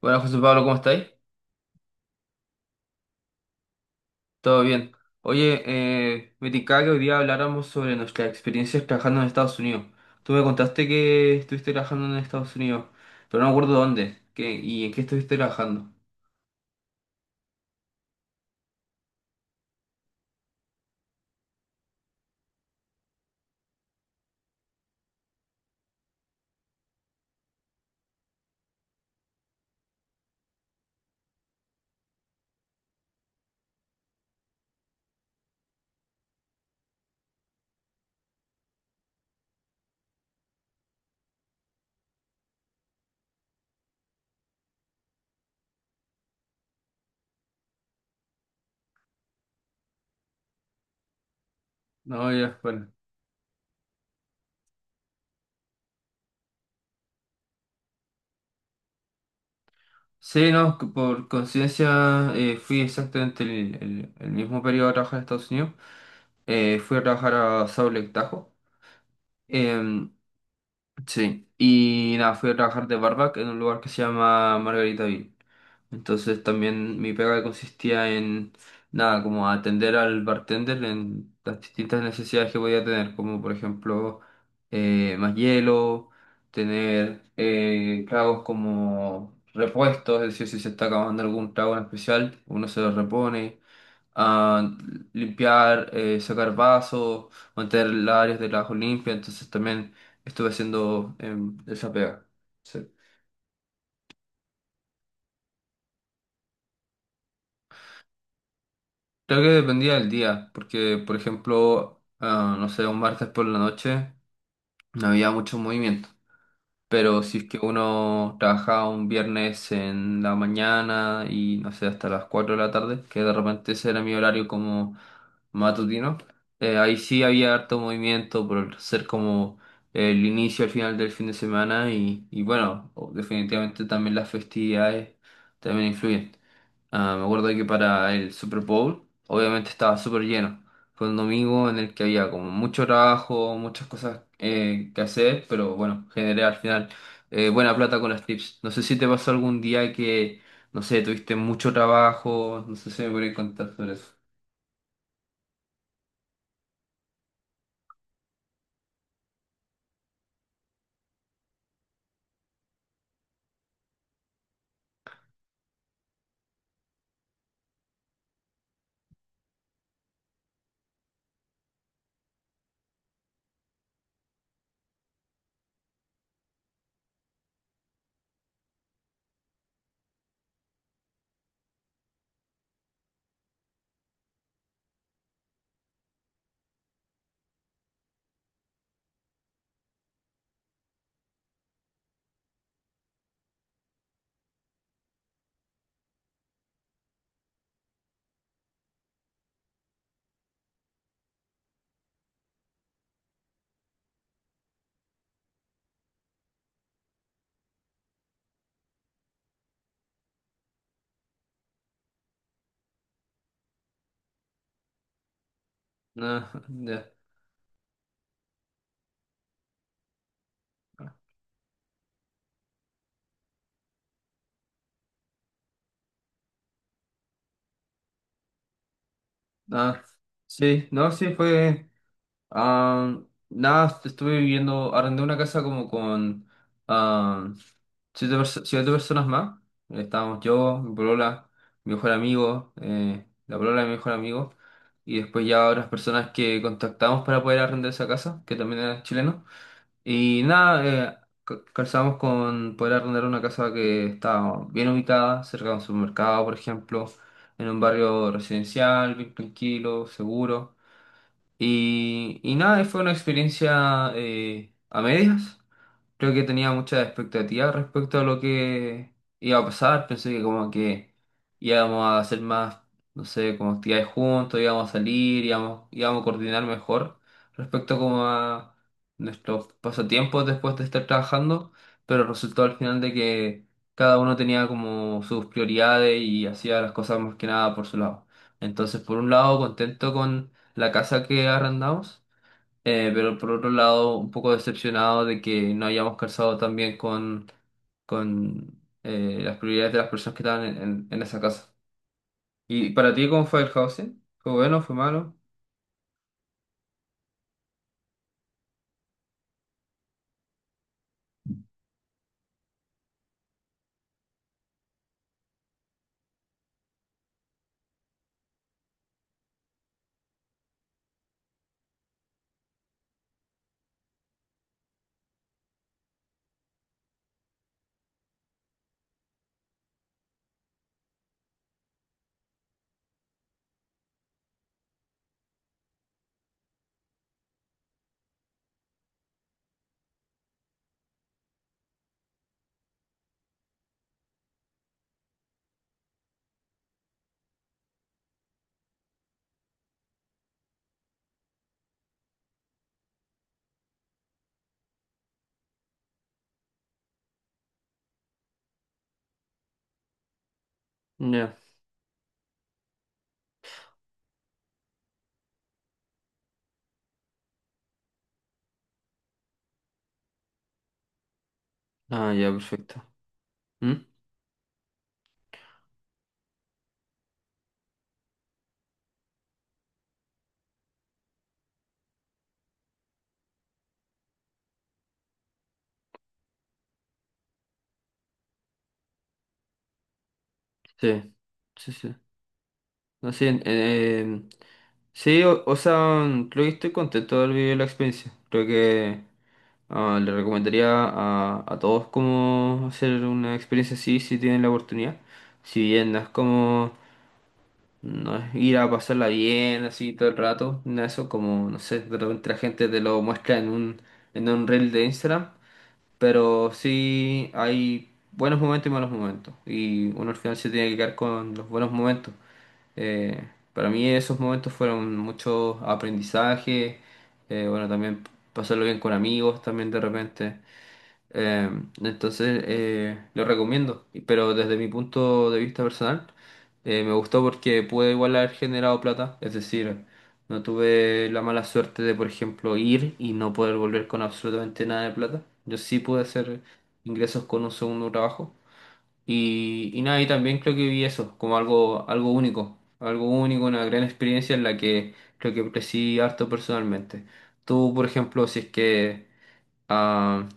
Hola José Pablo, ¿cómo estáis? ¿Todo bien? Oye, me tincaba que hoy día habláramos sobre nuestras experiencias trabajando en Estados Unidos. Tú me contaste que estuviste trabajando en Estados Unidos, pero no me acuerdo dónde qué, y en qué estuviste trabajando. No, ya, bueno. Sí, no, por coincidencia fui exactamente el mismo periodo a trabajar en Estados Unidos. Fui a trabajar a Salt Lake Tahoe. Em, sí, y nada, fui a trabajar de barback en un lugar que se llama Margaritaville. Entonces también mi pega consistía en nada, como atender al bartender en las distintas necesidades que podía tener, como por ejemplo más hielo, tener tragos como repuestos, es decir, si se está acabando algún trago en especial, uno se lo repone, a limpiar, sacar vasos, mantener las áreas de trabajo limpias. Entonces también estuve haciendo esa pega. Sí. Creo que dependía del día, porque por ejemplo, no sé, un martes por la noche no había mucho movimiento, pero si es que uno trabajaba un viernes en la mañana y no sé, hasta las 4 de la tarde, que de repente ese era mi horario como matutino, ahí sí había harto movimiento por ser como el inicio al final del fin de semana y bueno, definitivamente también las festividades también influyen. Me acuerdo que para el Super Bowl, obviamente estaba súper lleno. Fue un domingo en el que había como mucho trabajo, muchas cosas que hacer, pero bueno, generé al final buena plata con los tips. No sé si te pasó algún día que, no sé, tuviste mucho trabajo, no sé si me podrías contar sobre eso. No, ya. Ah, sí, no, sí, ah, nada, estuve viviendo, arrendé una casa como con ah, siete personas más. Estábamos yo, mi polola, mi mejor amigo, la polola de mi mejor amigo, y después ya otras personas que contactamos para poder arrendar esa casa, que también era chileno. Y nada, calzamos con poder arrendar una casa que estaba bien ubicada, cerca de un supermercado, por ejemplo, en un barrio residencial, bien tranquilo, seguro. Y nada, fue una experiencia a medias. Creo que tenía muchas expectativas respecto a lo que iba a pasar. Pensé que como que íbamos a hacer más, no sé, como actividades juntos, íbamos a salir, íbamos a coordinar mejor respecto como a nuestros pasatiempos después de estar trabajando, pero resultó al final de que cada uno tenía como sus prioridades y hacía las cosas más que nada por su lado. Entonces, por un lado, contento con la casa que arrendamos. Pero por otro lado, un poco decepcionado de que no hayamos calzado tan bien con las prioridades de las personas que estaban en esa casa. ¿Y para ti cómo fue el housing? ¿Fue bueno? ¿Fue malo? Ya. Ah, ya, perfecto. ¿Mm? Sí, sí, sí. No, sí, sí, o sea, creo que estoy contento de haber vivido la experiencia. Creo que le recomendaría a todos cómo hacer una experiencia así si tienen la oportunidad. Si bien no es como, no es ir a pasarla bien así todo el rato, no eso como, no sé, de repente la gente te lo muestra en un reel de Instagram, pero sí hay buenos momentos y malos momentos, y uno al final se tiene que quedar con los buenos momentos. Eh, para mí esos momentos fueron mucho aprendizaje. Bueno, también pasarlo bien con amigos también de repente. Eh, entonces, lo recomiendo, pero desde mi punto de vista personal, me gustó porque pude igual haber generado plata, es decir, no tuve la mala suerte de, por ejemplo, ir y no poder volver con absolutamente nada de plata. Yo sí pude hacer ingresos con un segundo trabajo, y nada, y también creo que vi eso como algo, único, algo único, una gran experiencia en la que creo que crecí harto personalmente. Tú, por ejemplo, si es que ah,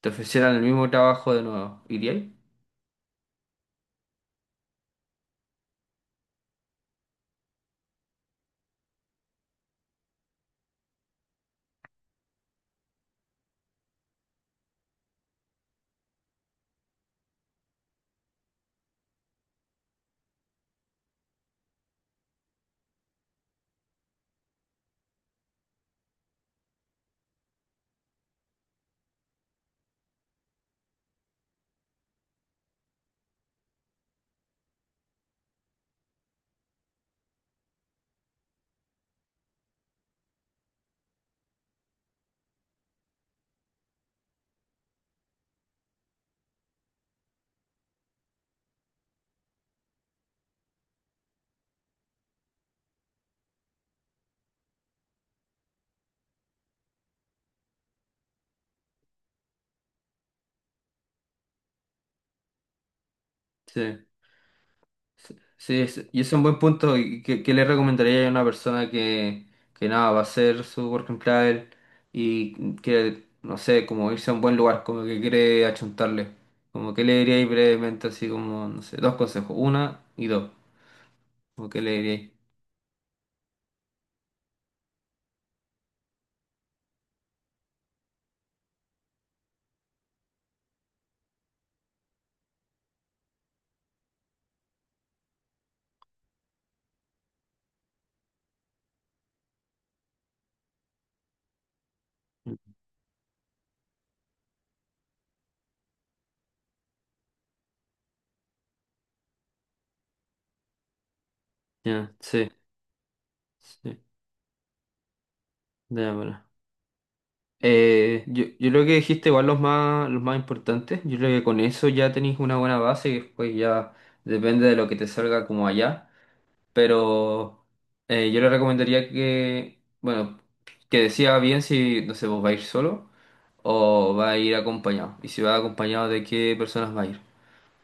te ofrecieran el mismo trabajo de nuevo, ¿irías? Sí. Sí, sí, y ese es un buen punto. ¿Y qué, le recomendaría a una persona que, nada, va a hacer su work and travel y que, no sé, como irse a un buen lugar, como que quiere achuntarle? Como que le diríais brevemente, así como, no sé, dos consejos, una y dos. Como que le diríais. Ya, sí, sí, ya acuerdo. Yo, creo que dijiste igual los más importantes. Yo creo que con eso ya tenéis una buena base y después ya depende de lo que te salga como allá. Pero yo le recomendaría que, bueno, que decida bien si, no sé, vos va a ir solo o va a ir acompañado. Y si va acompañado, ¿de qué personas va a ir?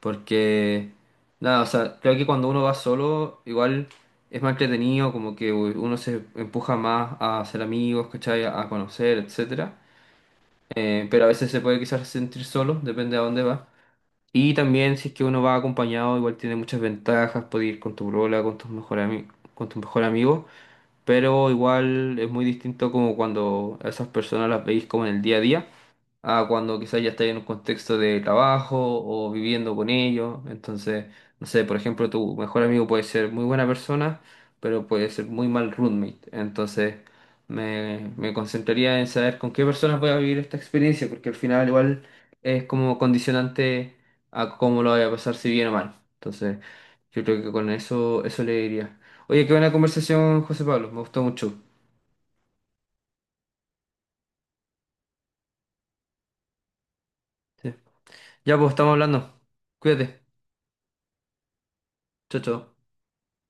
Porque, nada, o sea, creo que cuando uno va solo, igual es más entretenido, como que uno se empuja más a hacer amigos, ¿cachai? A conocer, etcétera. Pero a veces se puede quizás sentir solo, depende a dónde va. Y también si es que uno va acompañado, igual tiene muchas ventajas, puede ir con tu brola, con tu mejor amigo, pero igual es muy distinto como cuando a esas personas las veis como en el día a día a cuando quizás ya estáis en un contexto de trabajo o viviendo con ellos. Entonces, no sé, por ejemplo, tu mejor amigo puede ser muy buena persona, pero puede ser muy mal roommate. Entonces, me concentraría en saber con qué personas voy a vivir esta experiencia, porque al final igual es como condicionante a cómo lo voy a pasar, si bien o mal. Entonces, yo creo que con eso, eso le diría. Oye, qué buena conversación, José Pablo. Me gustó mucho. Sí. Ya pues, estamos hablando. Cuídate. Chao, chao.